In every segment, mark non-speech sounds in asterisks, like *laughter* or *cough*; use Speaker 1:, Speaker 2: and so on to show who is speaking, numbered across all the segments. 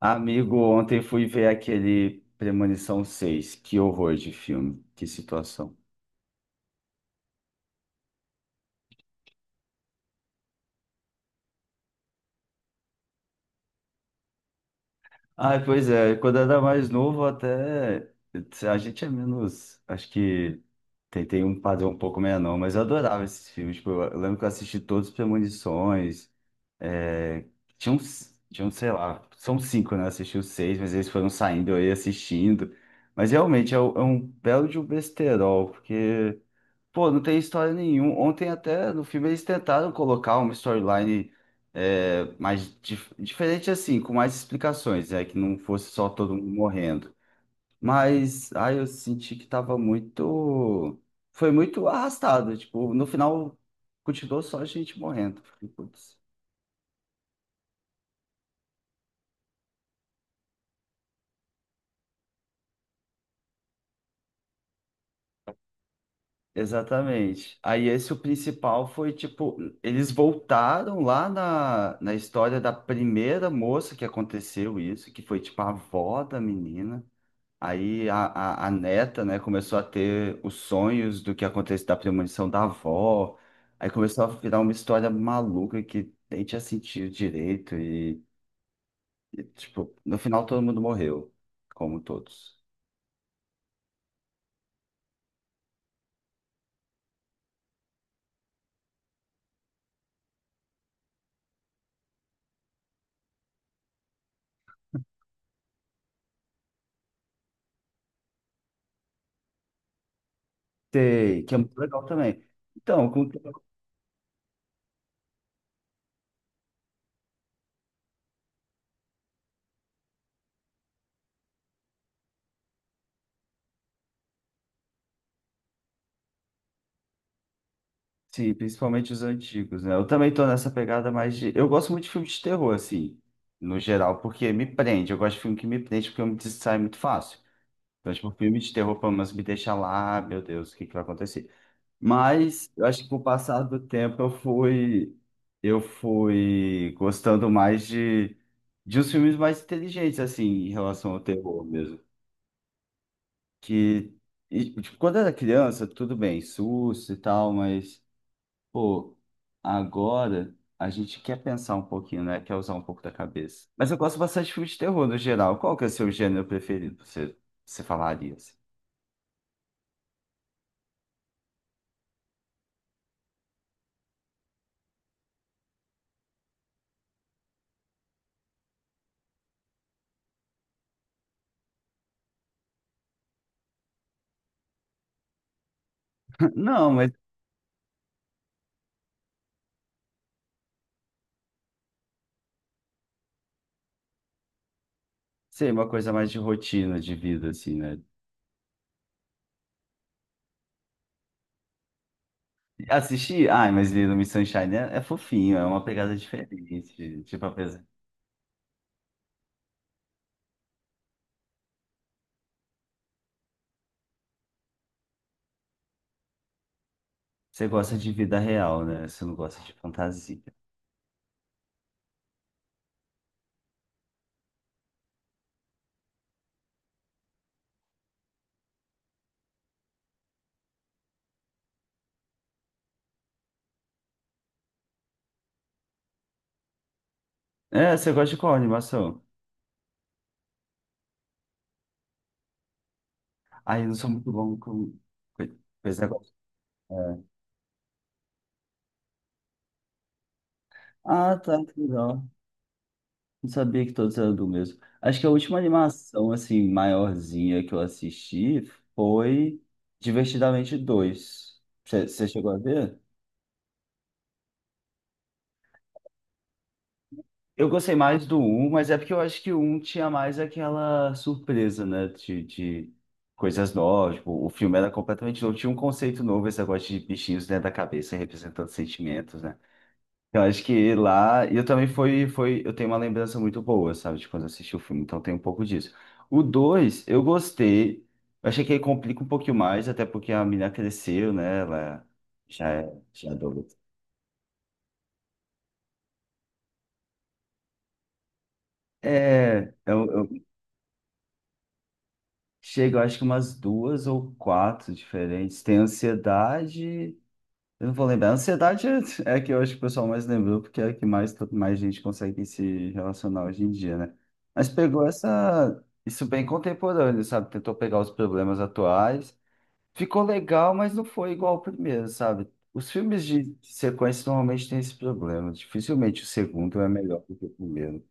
Speaker 1: Amigo, ontem fui ver aquele Premonição seis. Que horror de filme, que situação. Ah, pois é, quando era mais novo, até a gente é menos. Acho que tem um padrão um pouco menor, não, mas eu adorava esses filmes. Tipo, eu lembro que eu assisti todos os Premonições. É, tinha uns, sei lá, são cinco, né? Eu assisti os seis, mas eles foram saindo, eu ia assistindo. Mas realmente é, é um belo de um besterol, porque. Pô, não tem história nenhuma. Ontem até no filme eles tentaram colocar uma storyline mais diferente assim, com mais explicações, é que não fosse só todo mundo morrendo. Mas aí eu senti que tava muito, foi muito arrastado. Tipo, no final continuou só a gente morrendo. Fiquei, putz. Exatamente. Aí esse o principal foi tipo, eles voltaram lá na história da primeira moça que aconteceu isso, que foi tipo a avó da menina. Aí a neta, né, começou a ter os sonhos do que acontece da premonição da avó. Aí começou a virar uma história maluca que nem tinha sentido direito e, tipo, no final todo mundo morreu, como todos. Sei, que é muito legal também. Então, com, sim, principalmente os antigos, né? Eu também tô nessa pegada mais de... Eu gosto muito de filme de terror, assim, no geral, porque me prende. Eu gosto de filme que me prende porque eu me distraio muito fácil. Então, tipo, filme de terror, pelo menos, me deixa lá, "Ah, meu Deus, o que que vai acontecer? Mas eu acho que com o passar do tempo eu fui gostando mais de uns filmes mais inteligentes assim em relação ao terror mesmo. Que e, tipo, quando eu era criança, tudo bem, susto e tal, mas pô, agora a gente quer pensar um pouquinho, né? Quer usar um pouco da cabeça. Mas eu gosto bastante de filmes de terror no geral. Qual que é o seu gênero preferido? Você falaria assim? *laughs* Não, mas sei, uma coisa mais de rotina de vida assim, né? Assisti, ai, mas Little Miss Sunshine é, é fofinho, é uma pegada diferente. Tipo, apesar. Você gosta de vida real, né? Você não gosta de fantasia. É, você gosta de qual animação? Ai, eu não sou muito bom com coi- coisa. É. Ah, tá, que legal. Não sabia que todos eram do mesmo. Acho que a última animação, assim, maiorzinha que eu assisti foi Divertidamente dois, você chegou a ver? Eu gostei mais do um, mas é porque eu acho que o um tinha mais aquela surpresa, né? De coisas novas. Tipo, o filme era completamente novo, tinha um conceito novo, esse negócio de bichinhos dentro da cabeça representando sentimentos, né? Eu acho que lá. E eu também foi, foi. Eu tenho uma lembrança muito boa, sabe? De quando eu assisti o filme, então tem um pouco disso. O 2 eu gostei. Eu achei que ele complica um pouquinho mais, até porque a menina cresceu, né? Ela já é adulta. É, eu, chega, eu acho que umas duas ou quatro diferentes. Tem ansiedade. Eu não vou lembrar. Ansiedade é é a que eu acho que o pessoal mais lembrou, porque é a que mais, mais gente consegue se relacionar hoje em dia, né? Mas pegou essa, isso bem contemporâneo, sabe? Tentou pegar os problemas atuais. Ficou legal, mas não foi igual ao primeiro, sabe? Os filmes de sequência normalmente têm esse problema. Dificilmente o segundo é melhor do que o primeiro.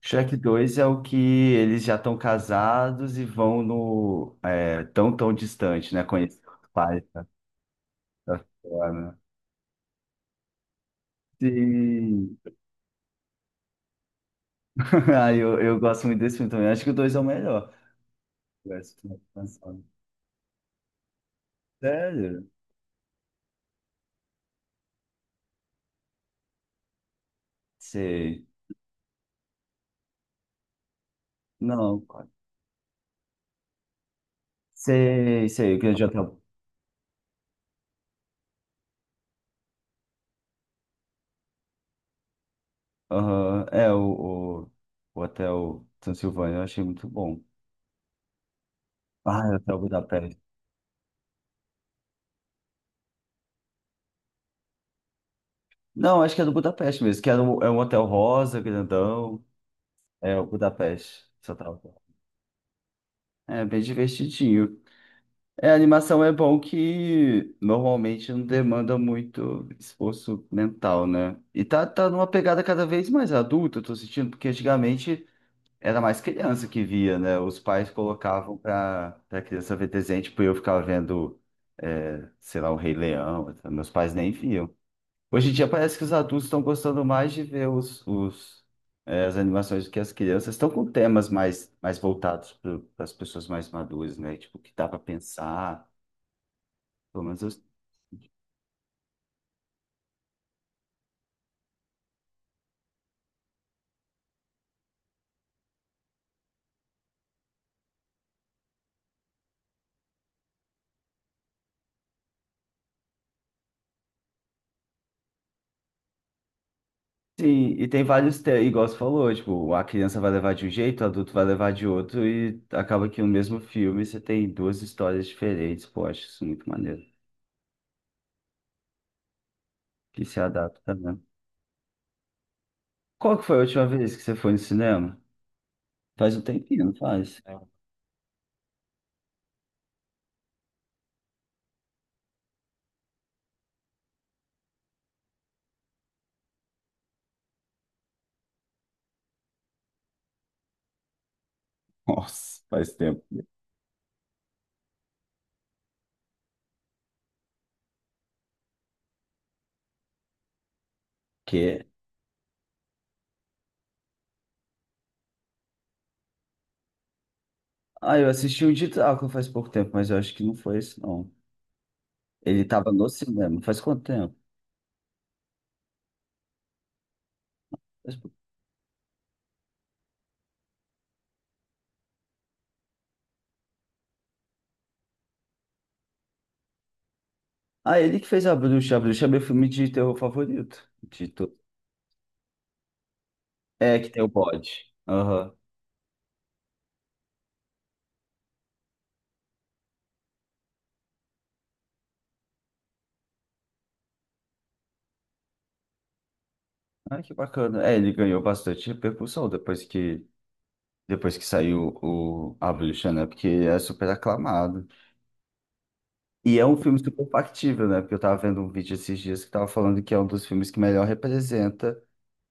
Speaker 1: Shrek 2 é o que eles já estão casados e vão no tão tão distante, né? Conhecer os pais da, da Fiona. Sim. *laughs* Ah, eu gosto muito desse filme também. Acho que o 2 é o melhor. Eu acho que eu tô pensando. Sério? Sei. Não, qual- sei, sei. O que já tá... Aham, é o Hotel Transilvânia, eu achei muito bom. Ah, é o Hotel Budapeste. Não, acho que é do Budapeste mesmo, que era um, é um hotel rosa, grandão. É o Budapeste. Só tava. É bem divertidinho. É, a animação é bom que normalmente não demanda muito esforço mental, né? E tá numa pegada cada vez mais adulta, eu tô sentindo, porque antigamente era mais criança que via, né? Os pais colocavam pra criança ver desenho, tipo, eu ficava vendo, é, sei lá, o Rei Leão, meus pais nem viam. Hoje em dia parece que os adultos estão gostando mais de ver as animações do que as crianças. Estão com temas mais voltados para as pessoas mais maduras, né? Tipo, que dá para pensar. Pelo menos eu- sim, e tem vários temas, igual você falou, tipo, a criança vai levar de um jeito, o adulto vai levar de outro, e acaba que no mesmo filme você tem duas histórias diferentes. Pô, acho isso muito maneiro. Que se adapta mesmo. Qual que foi a última vez que você foi no cinema? Faz um tempinho, não faz? É. Nossa, faz tempo. Que? Ah, eu assisti um de Drácula faz pouco tempo, mas eu acho que não foi esse, não. Ele tava no cinema. Faz quanto tempo? Faz pouco. Ah, ele que fez A Bruxa. A Bruxa é meu filme de terror favorito. De to- é, que tem o bode. Aham. Ah, que bacana. É, ele ganhou bastante repercussão depois que saiu o A Bruxa, né? Porque é super aclamado. E é um filme super factível, né? Porque eu tava vendo um vídeo esses dias que tava falando que é um dos filmes que melhor representa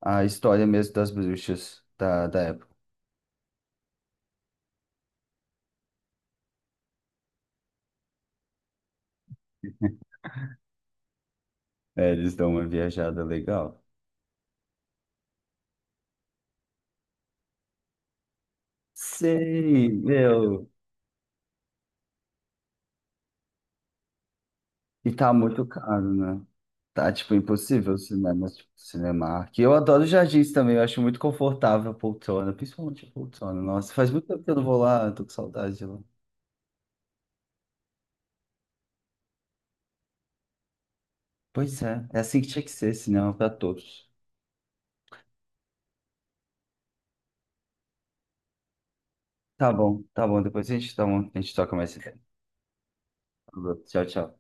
Speaker 1: a história mesmo das bruxas da época. É, eles dão uma viajada legal. Sei, meu. E tá muito caro, né? Tá, tipo, impossível o cinema, tipo, Cinemark. E eu adoro jardins também, eu acho muito confortável a poltrona, principalmente a poltrona. Nossa, faz muito tempo que eu não vou lá, eu tô com saudade de lá. Pois é, é assim que tinha que ser, cinema pra todos. Tá bom, depois a gente, dá uma, a gente toca mais esse tema. Tchau, tchau.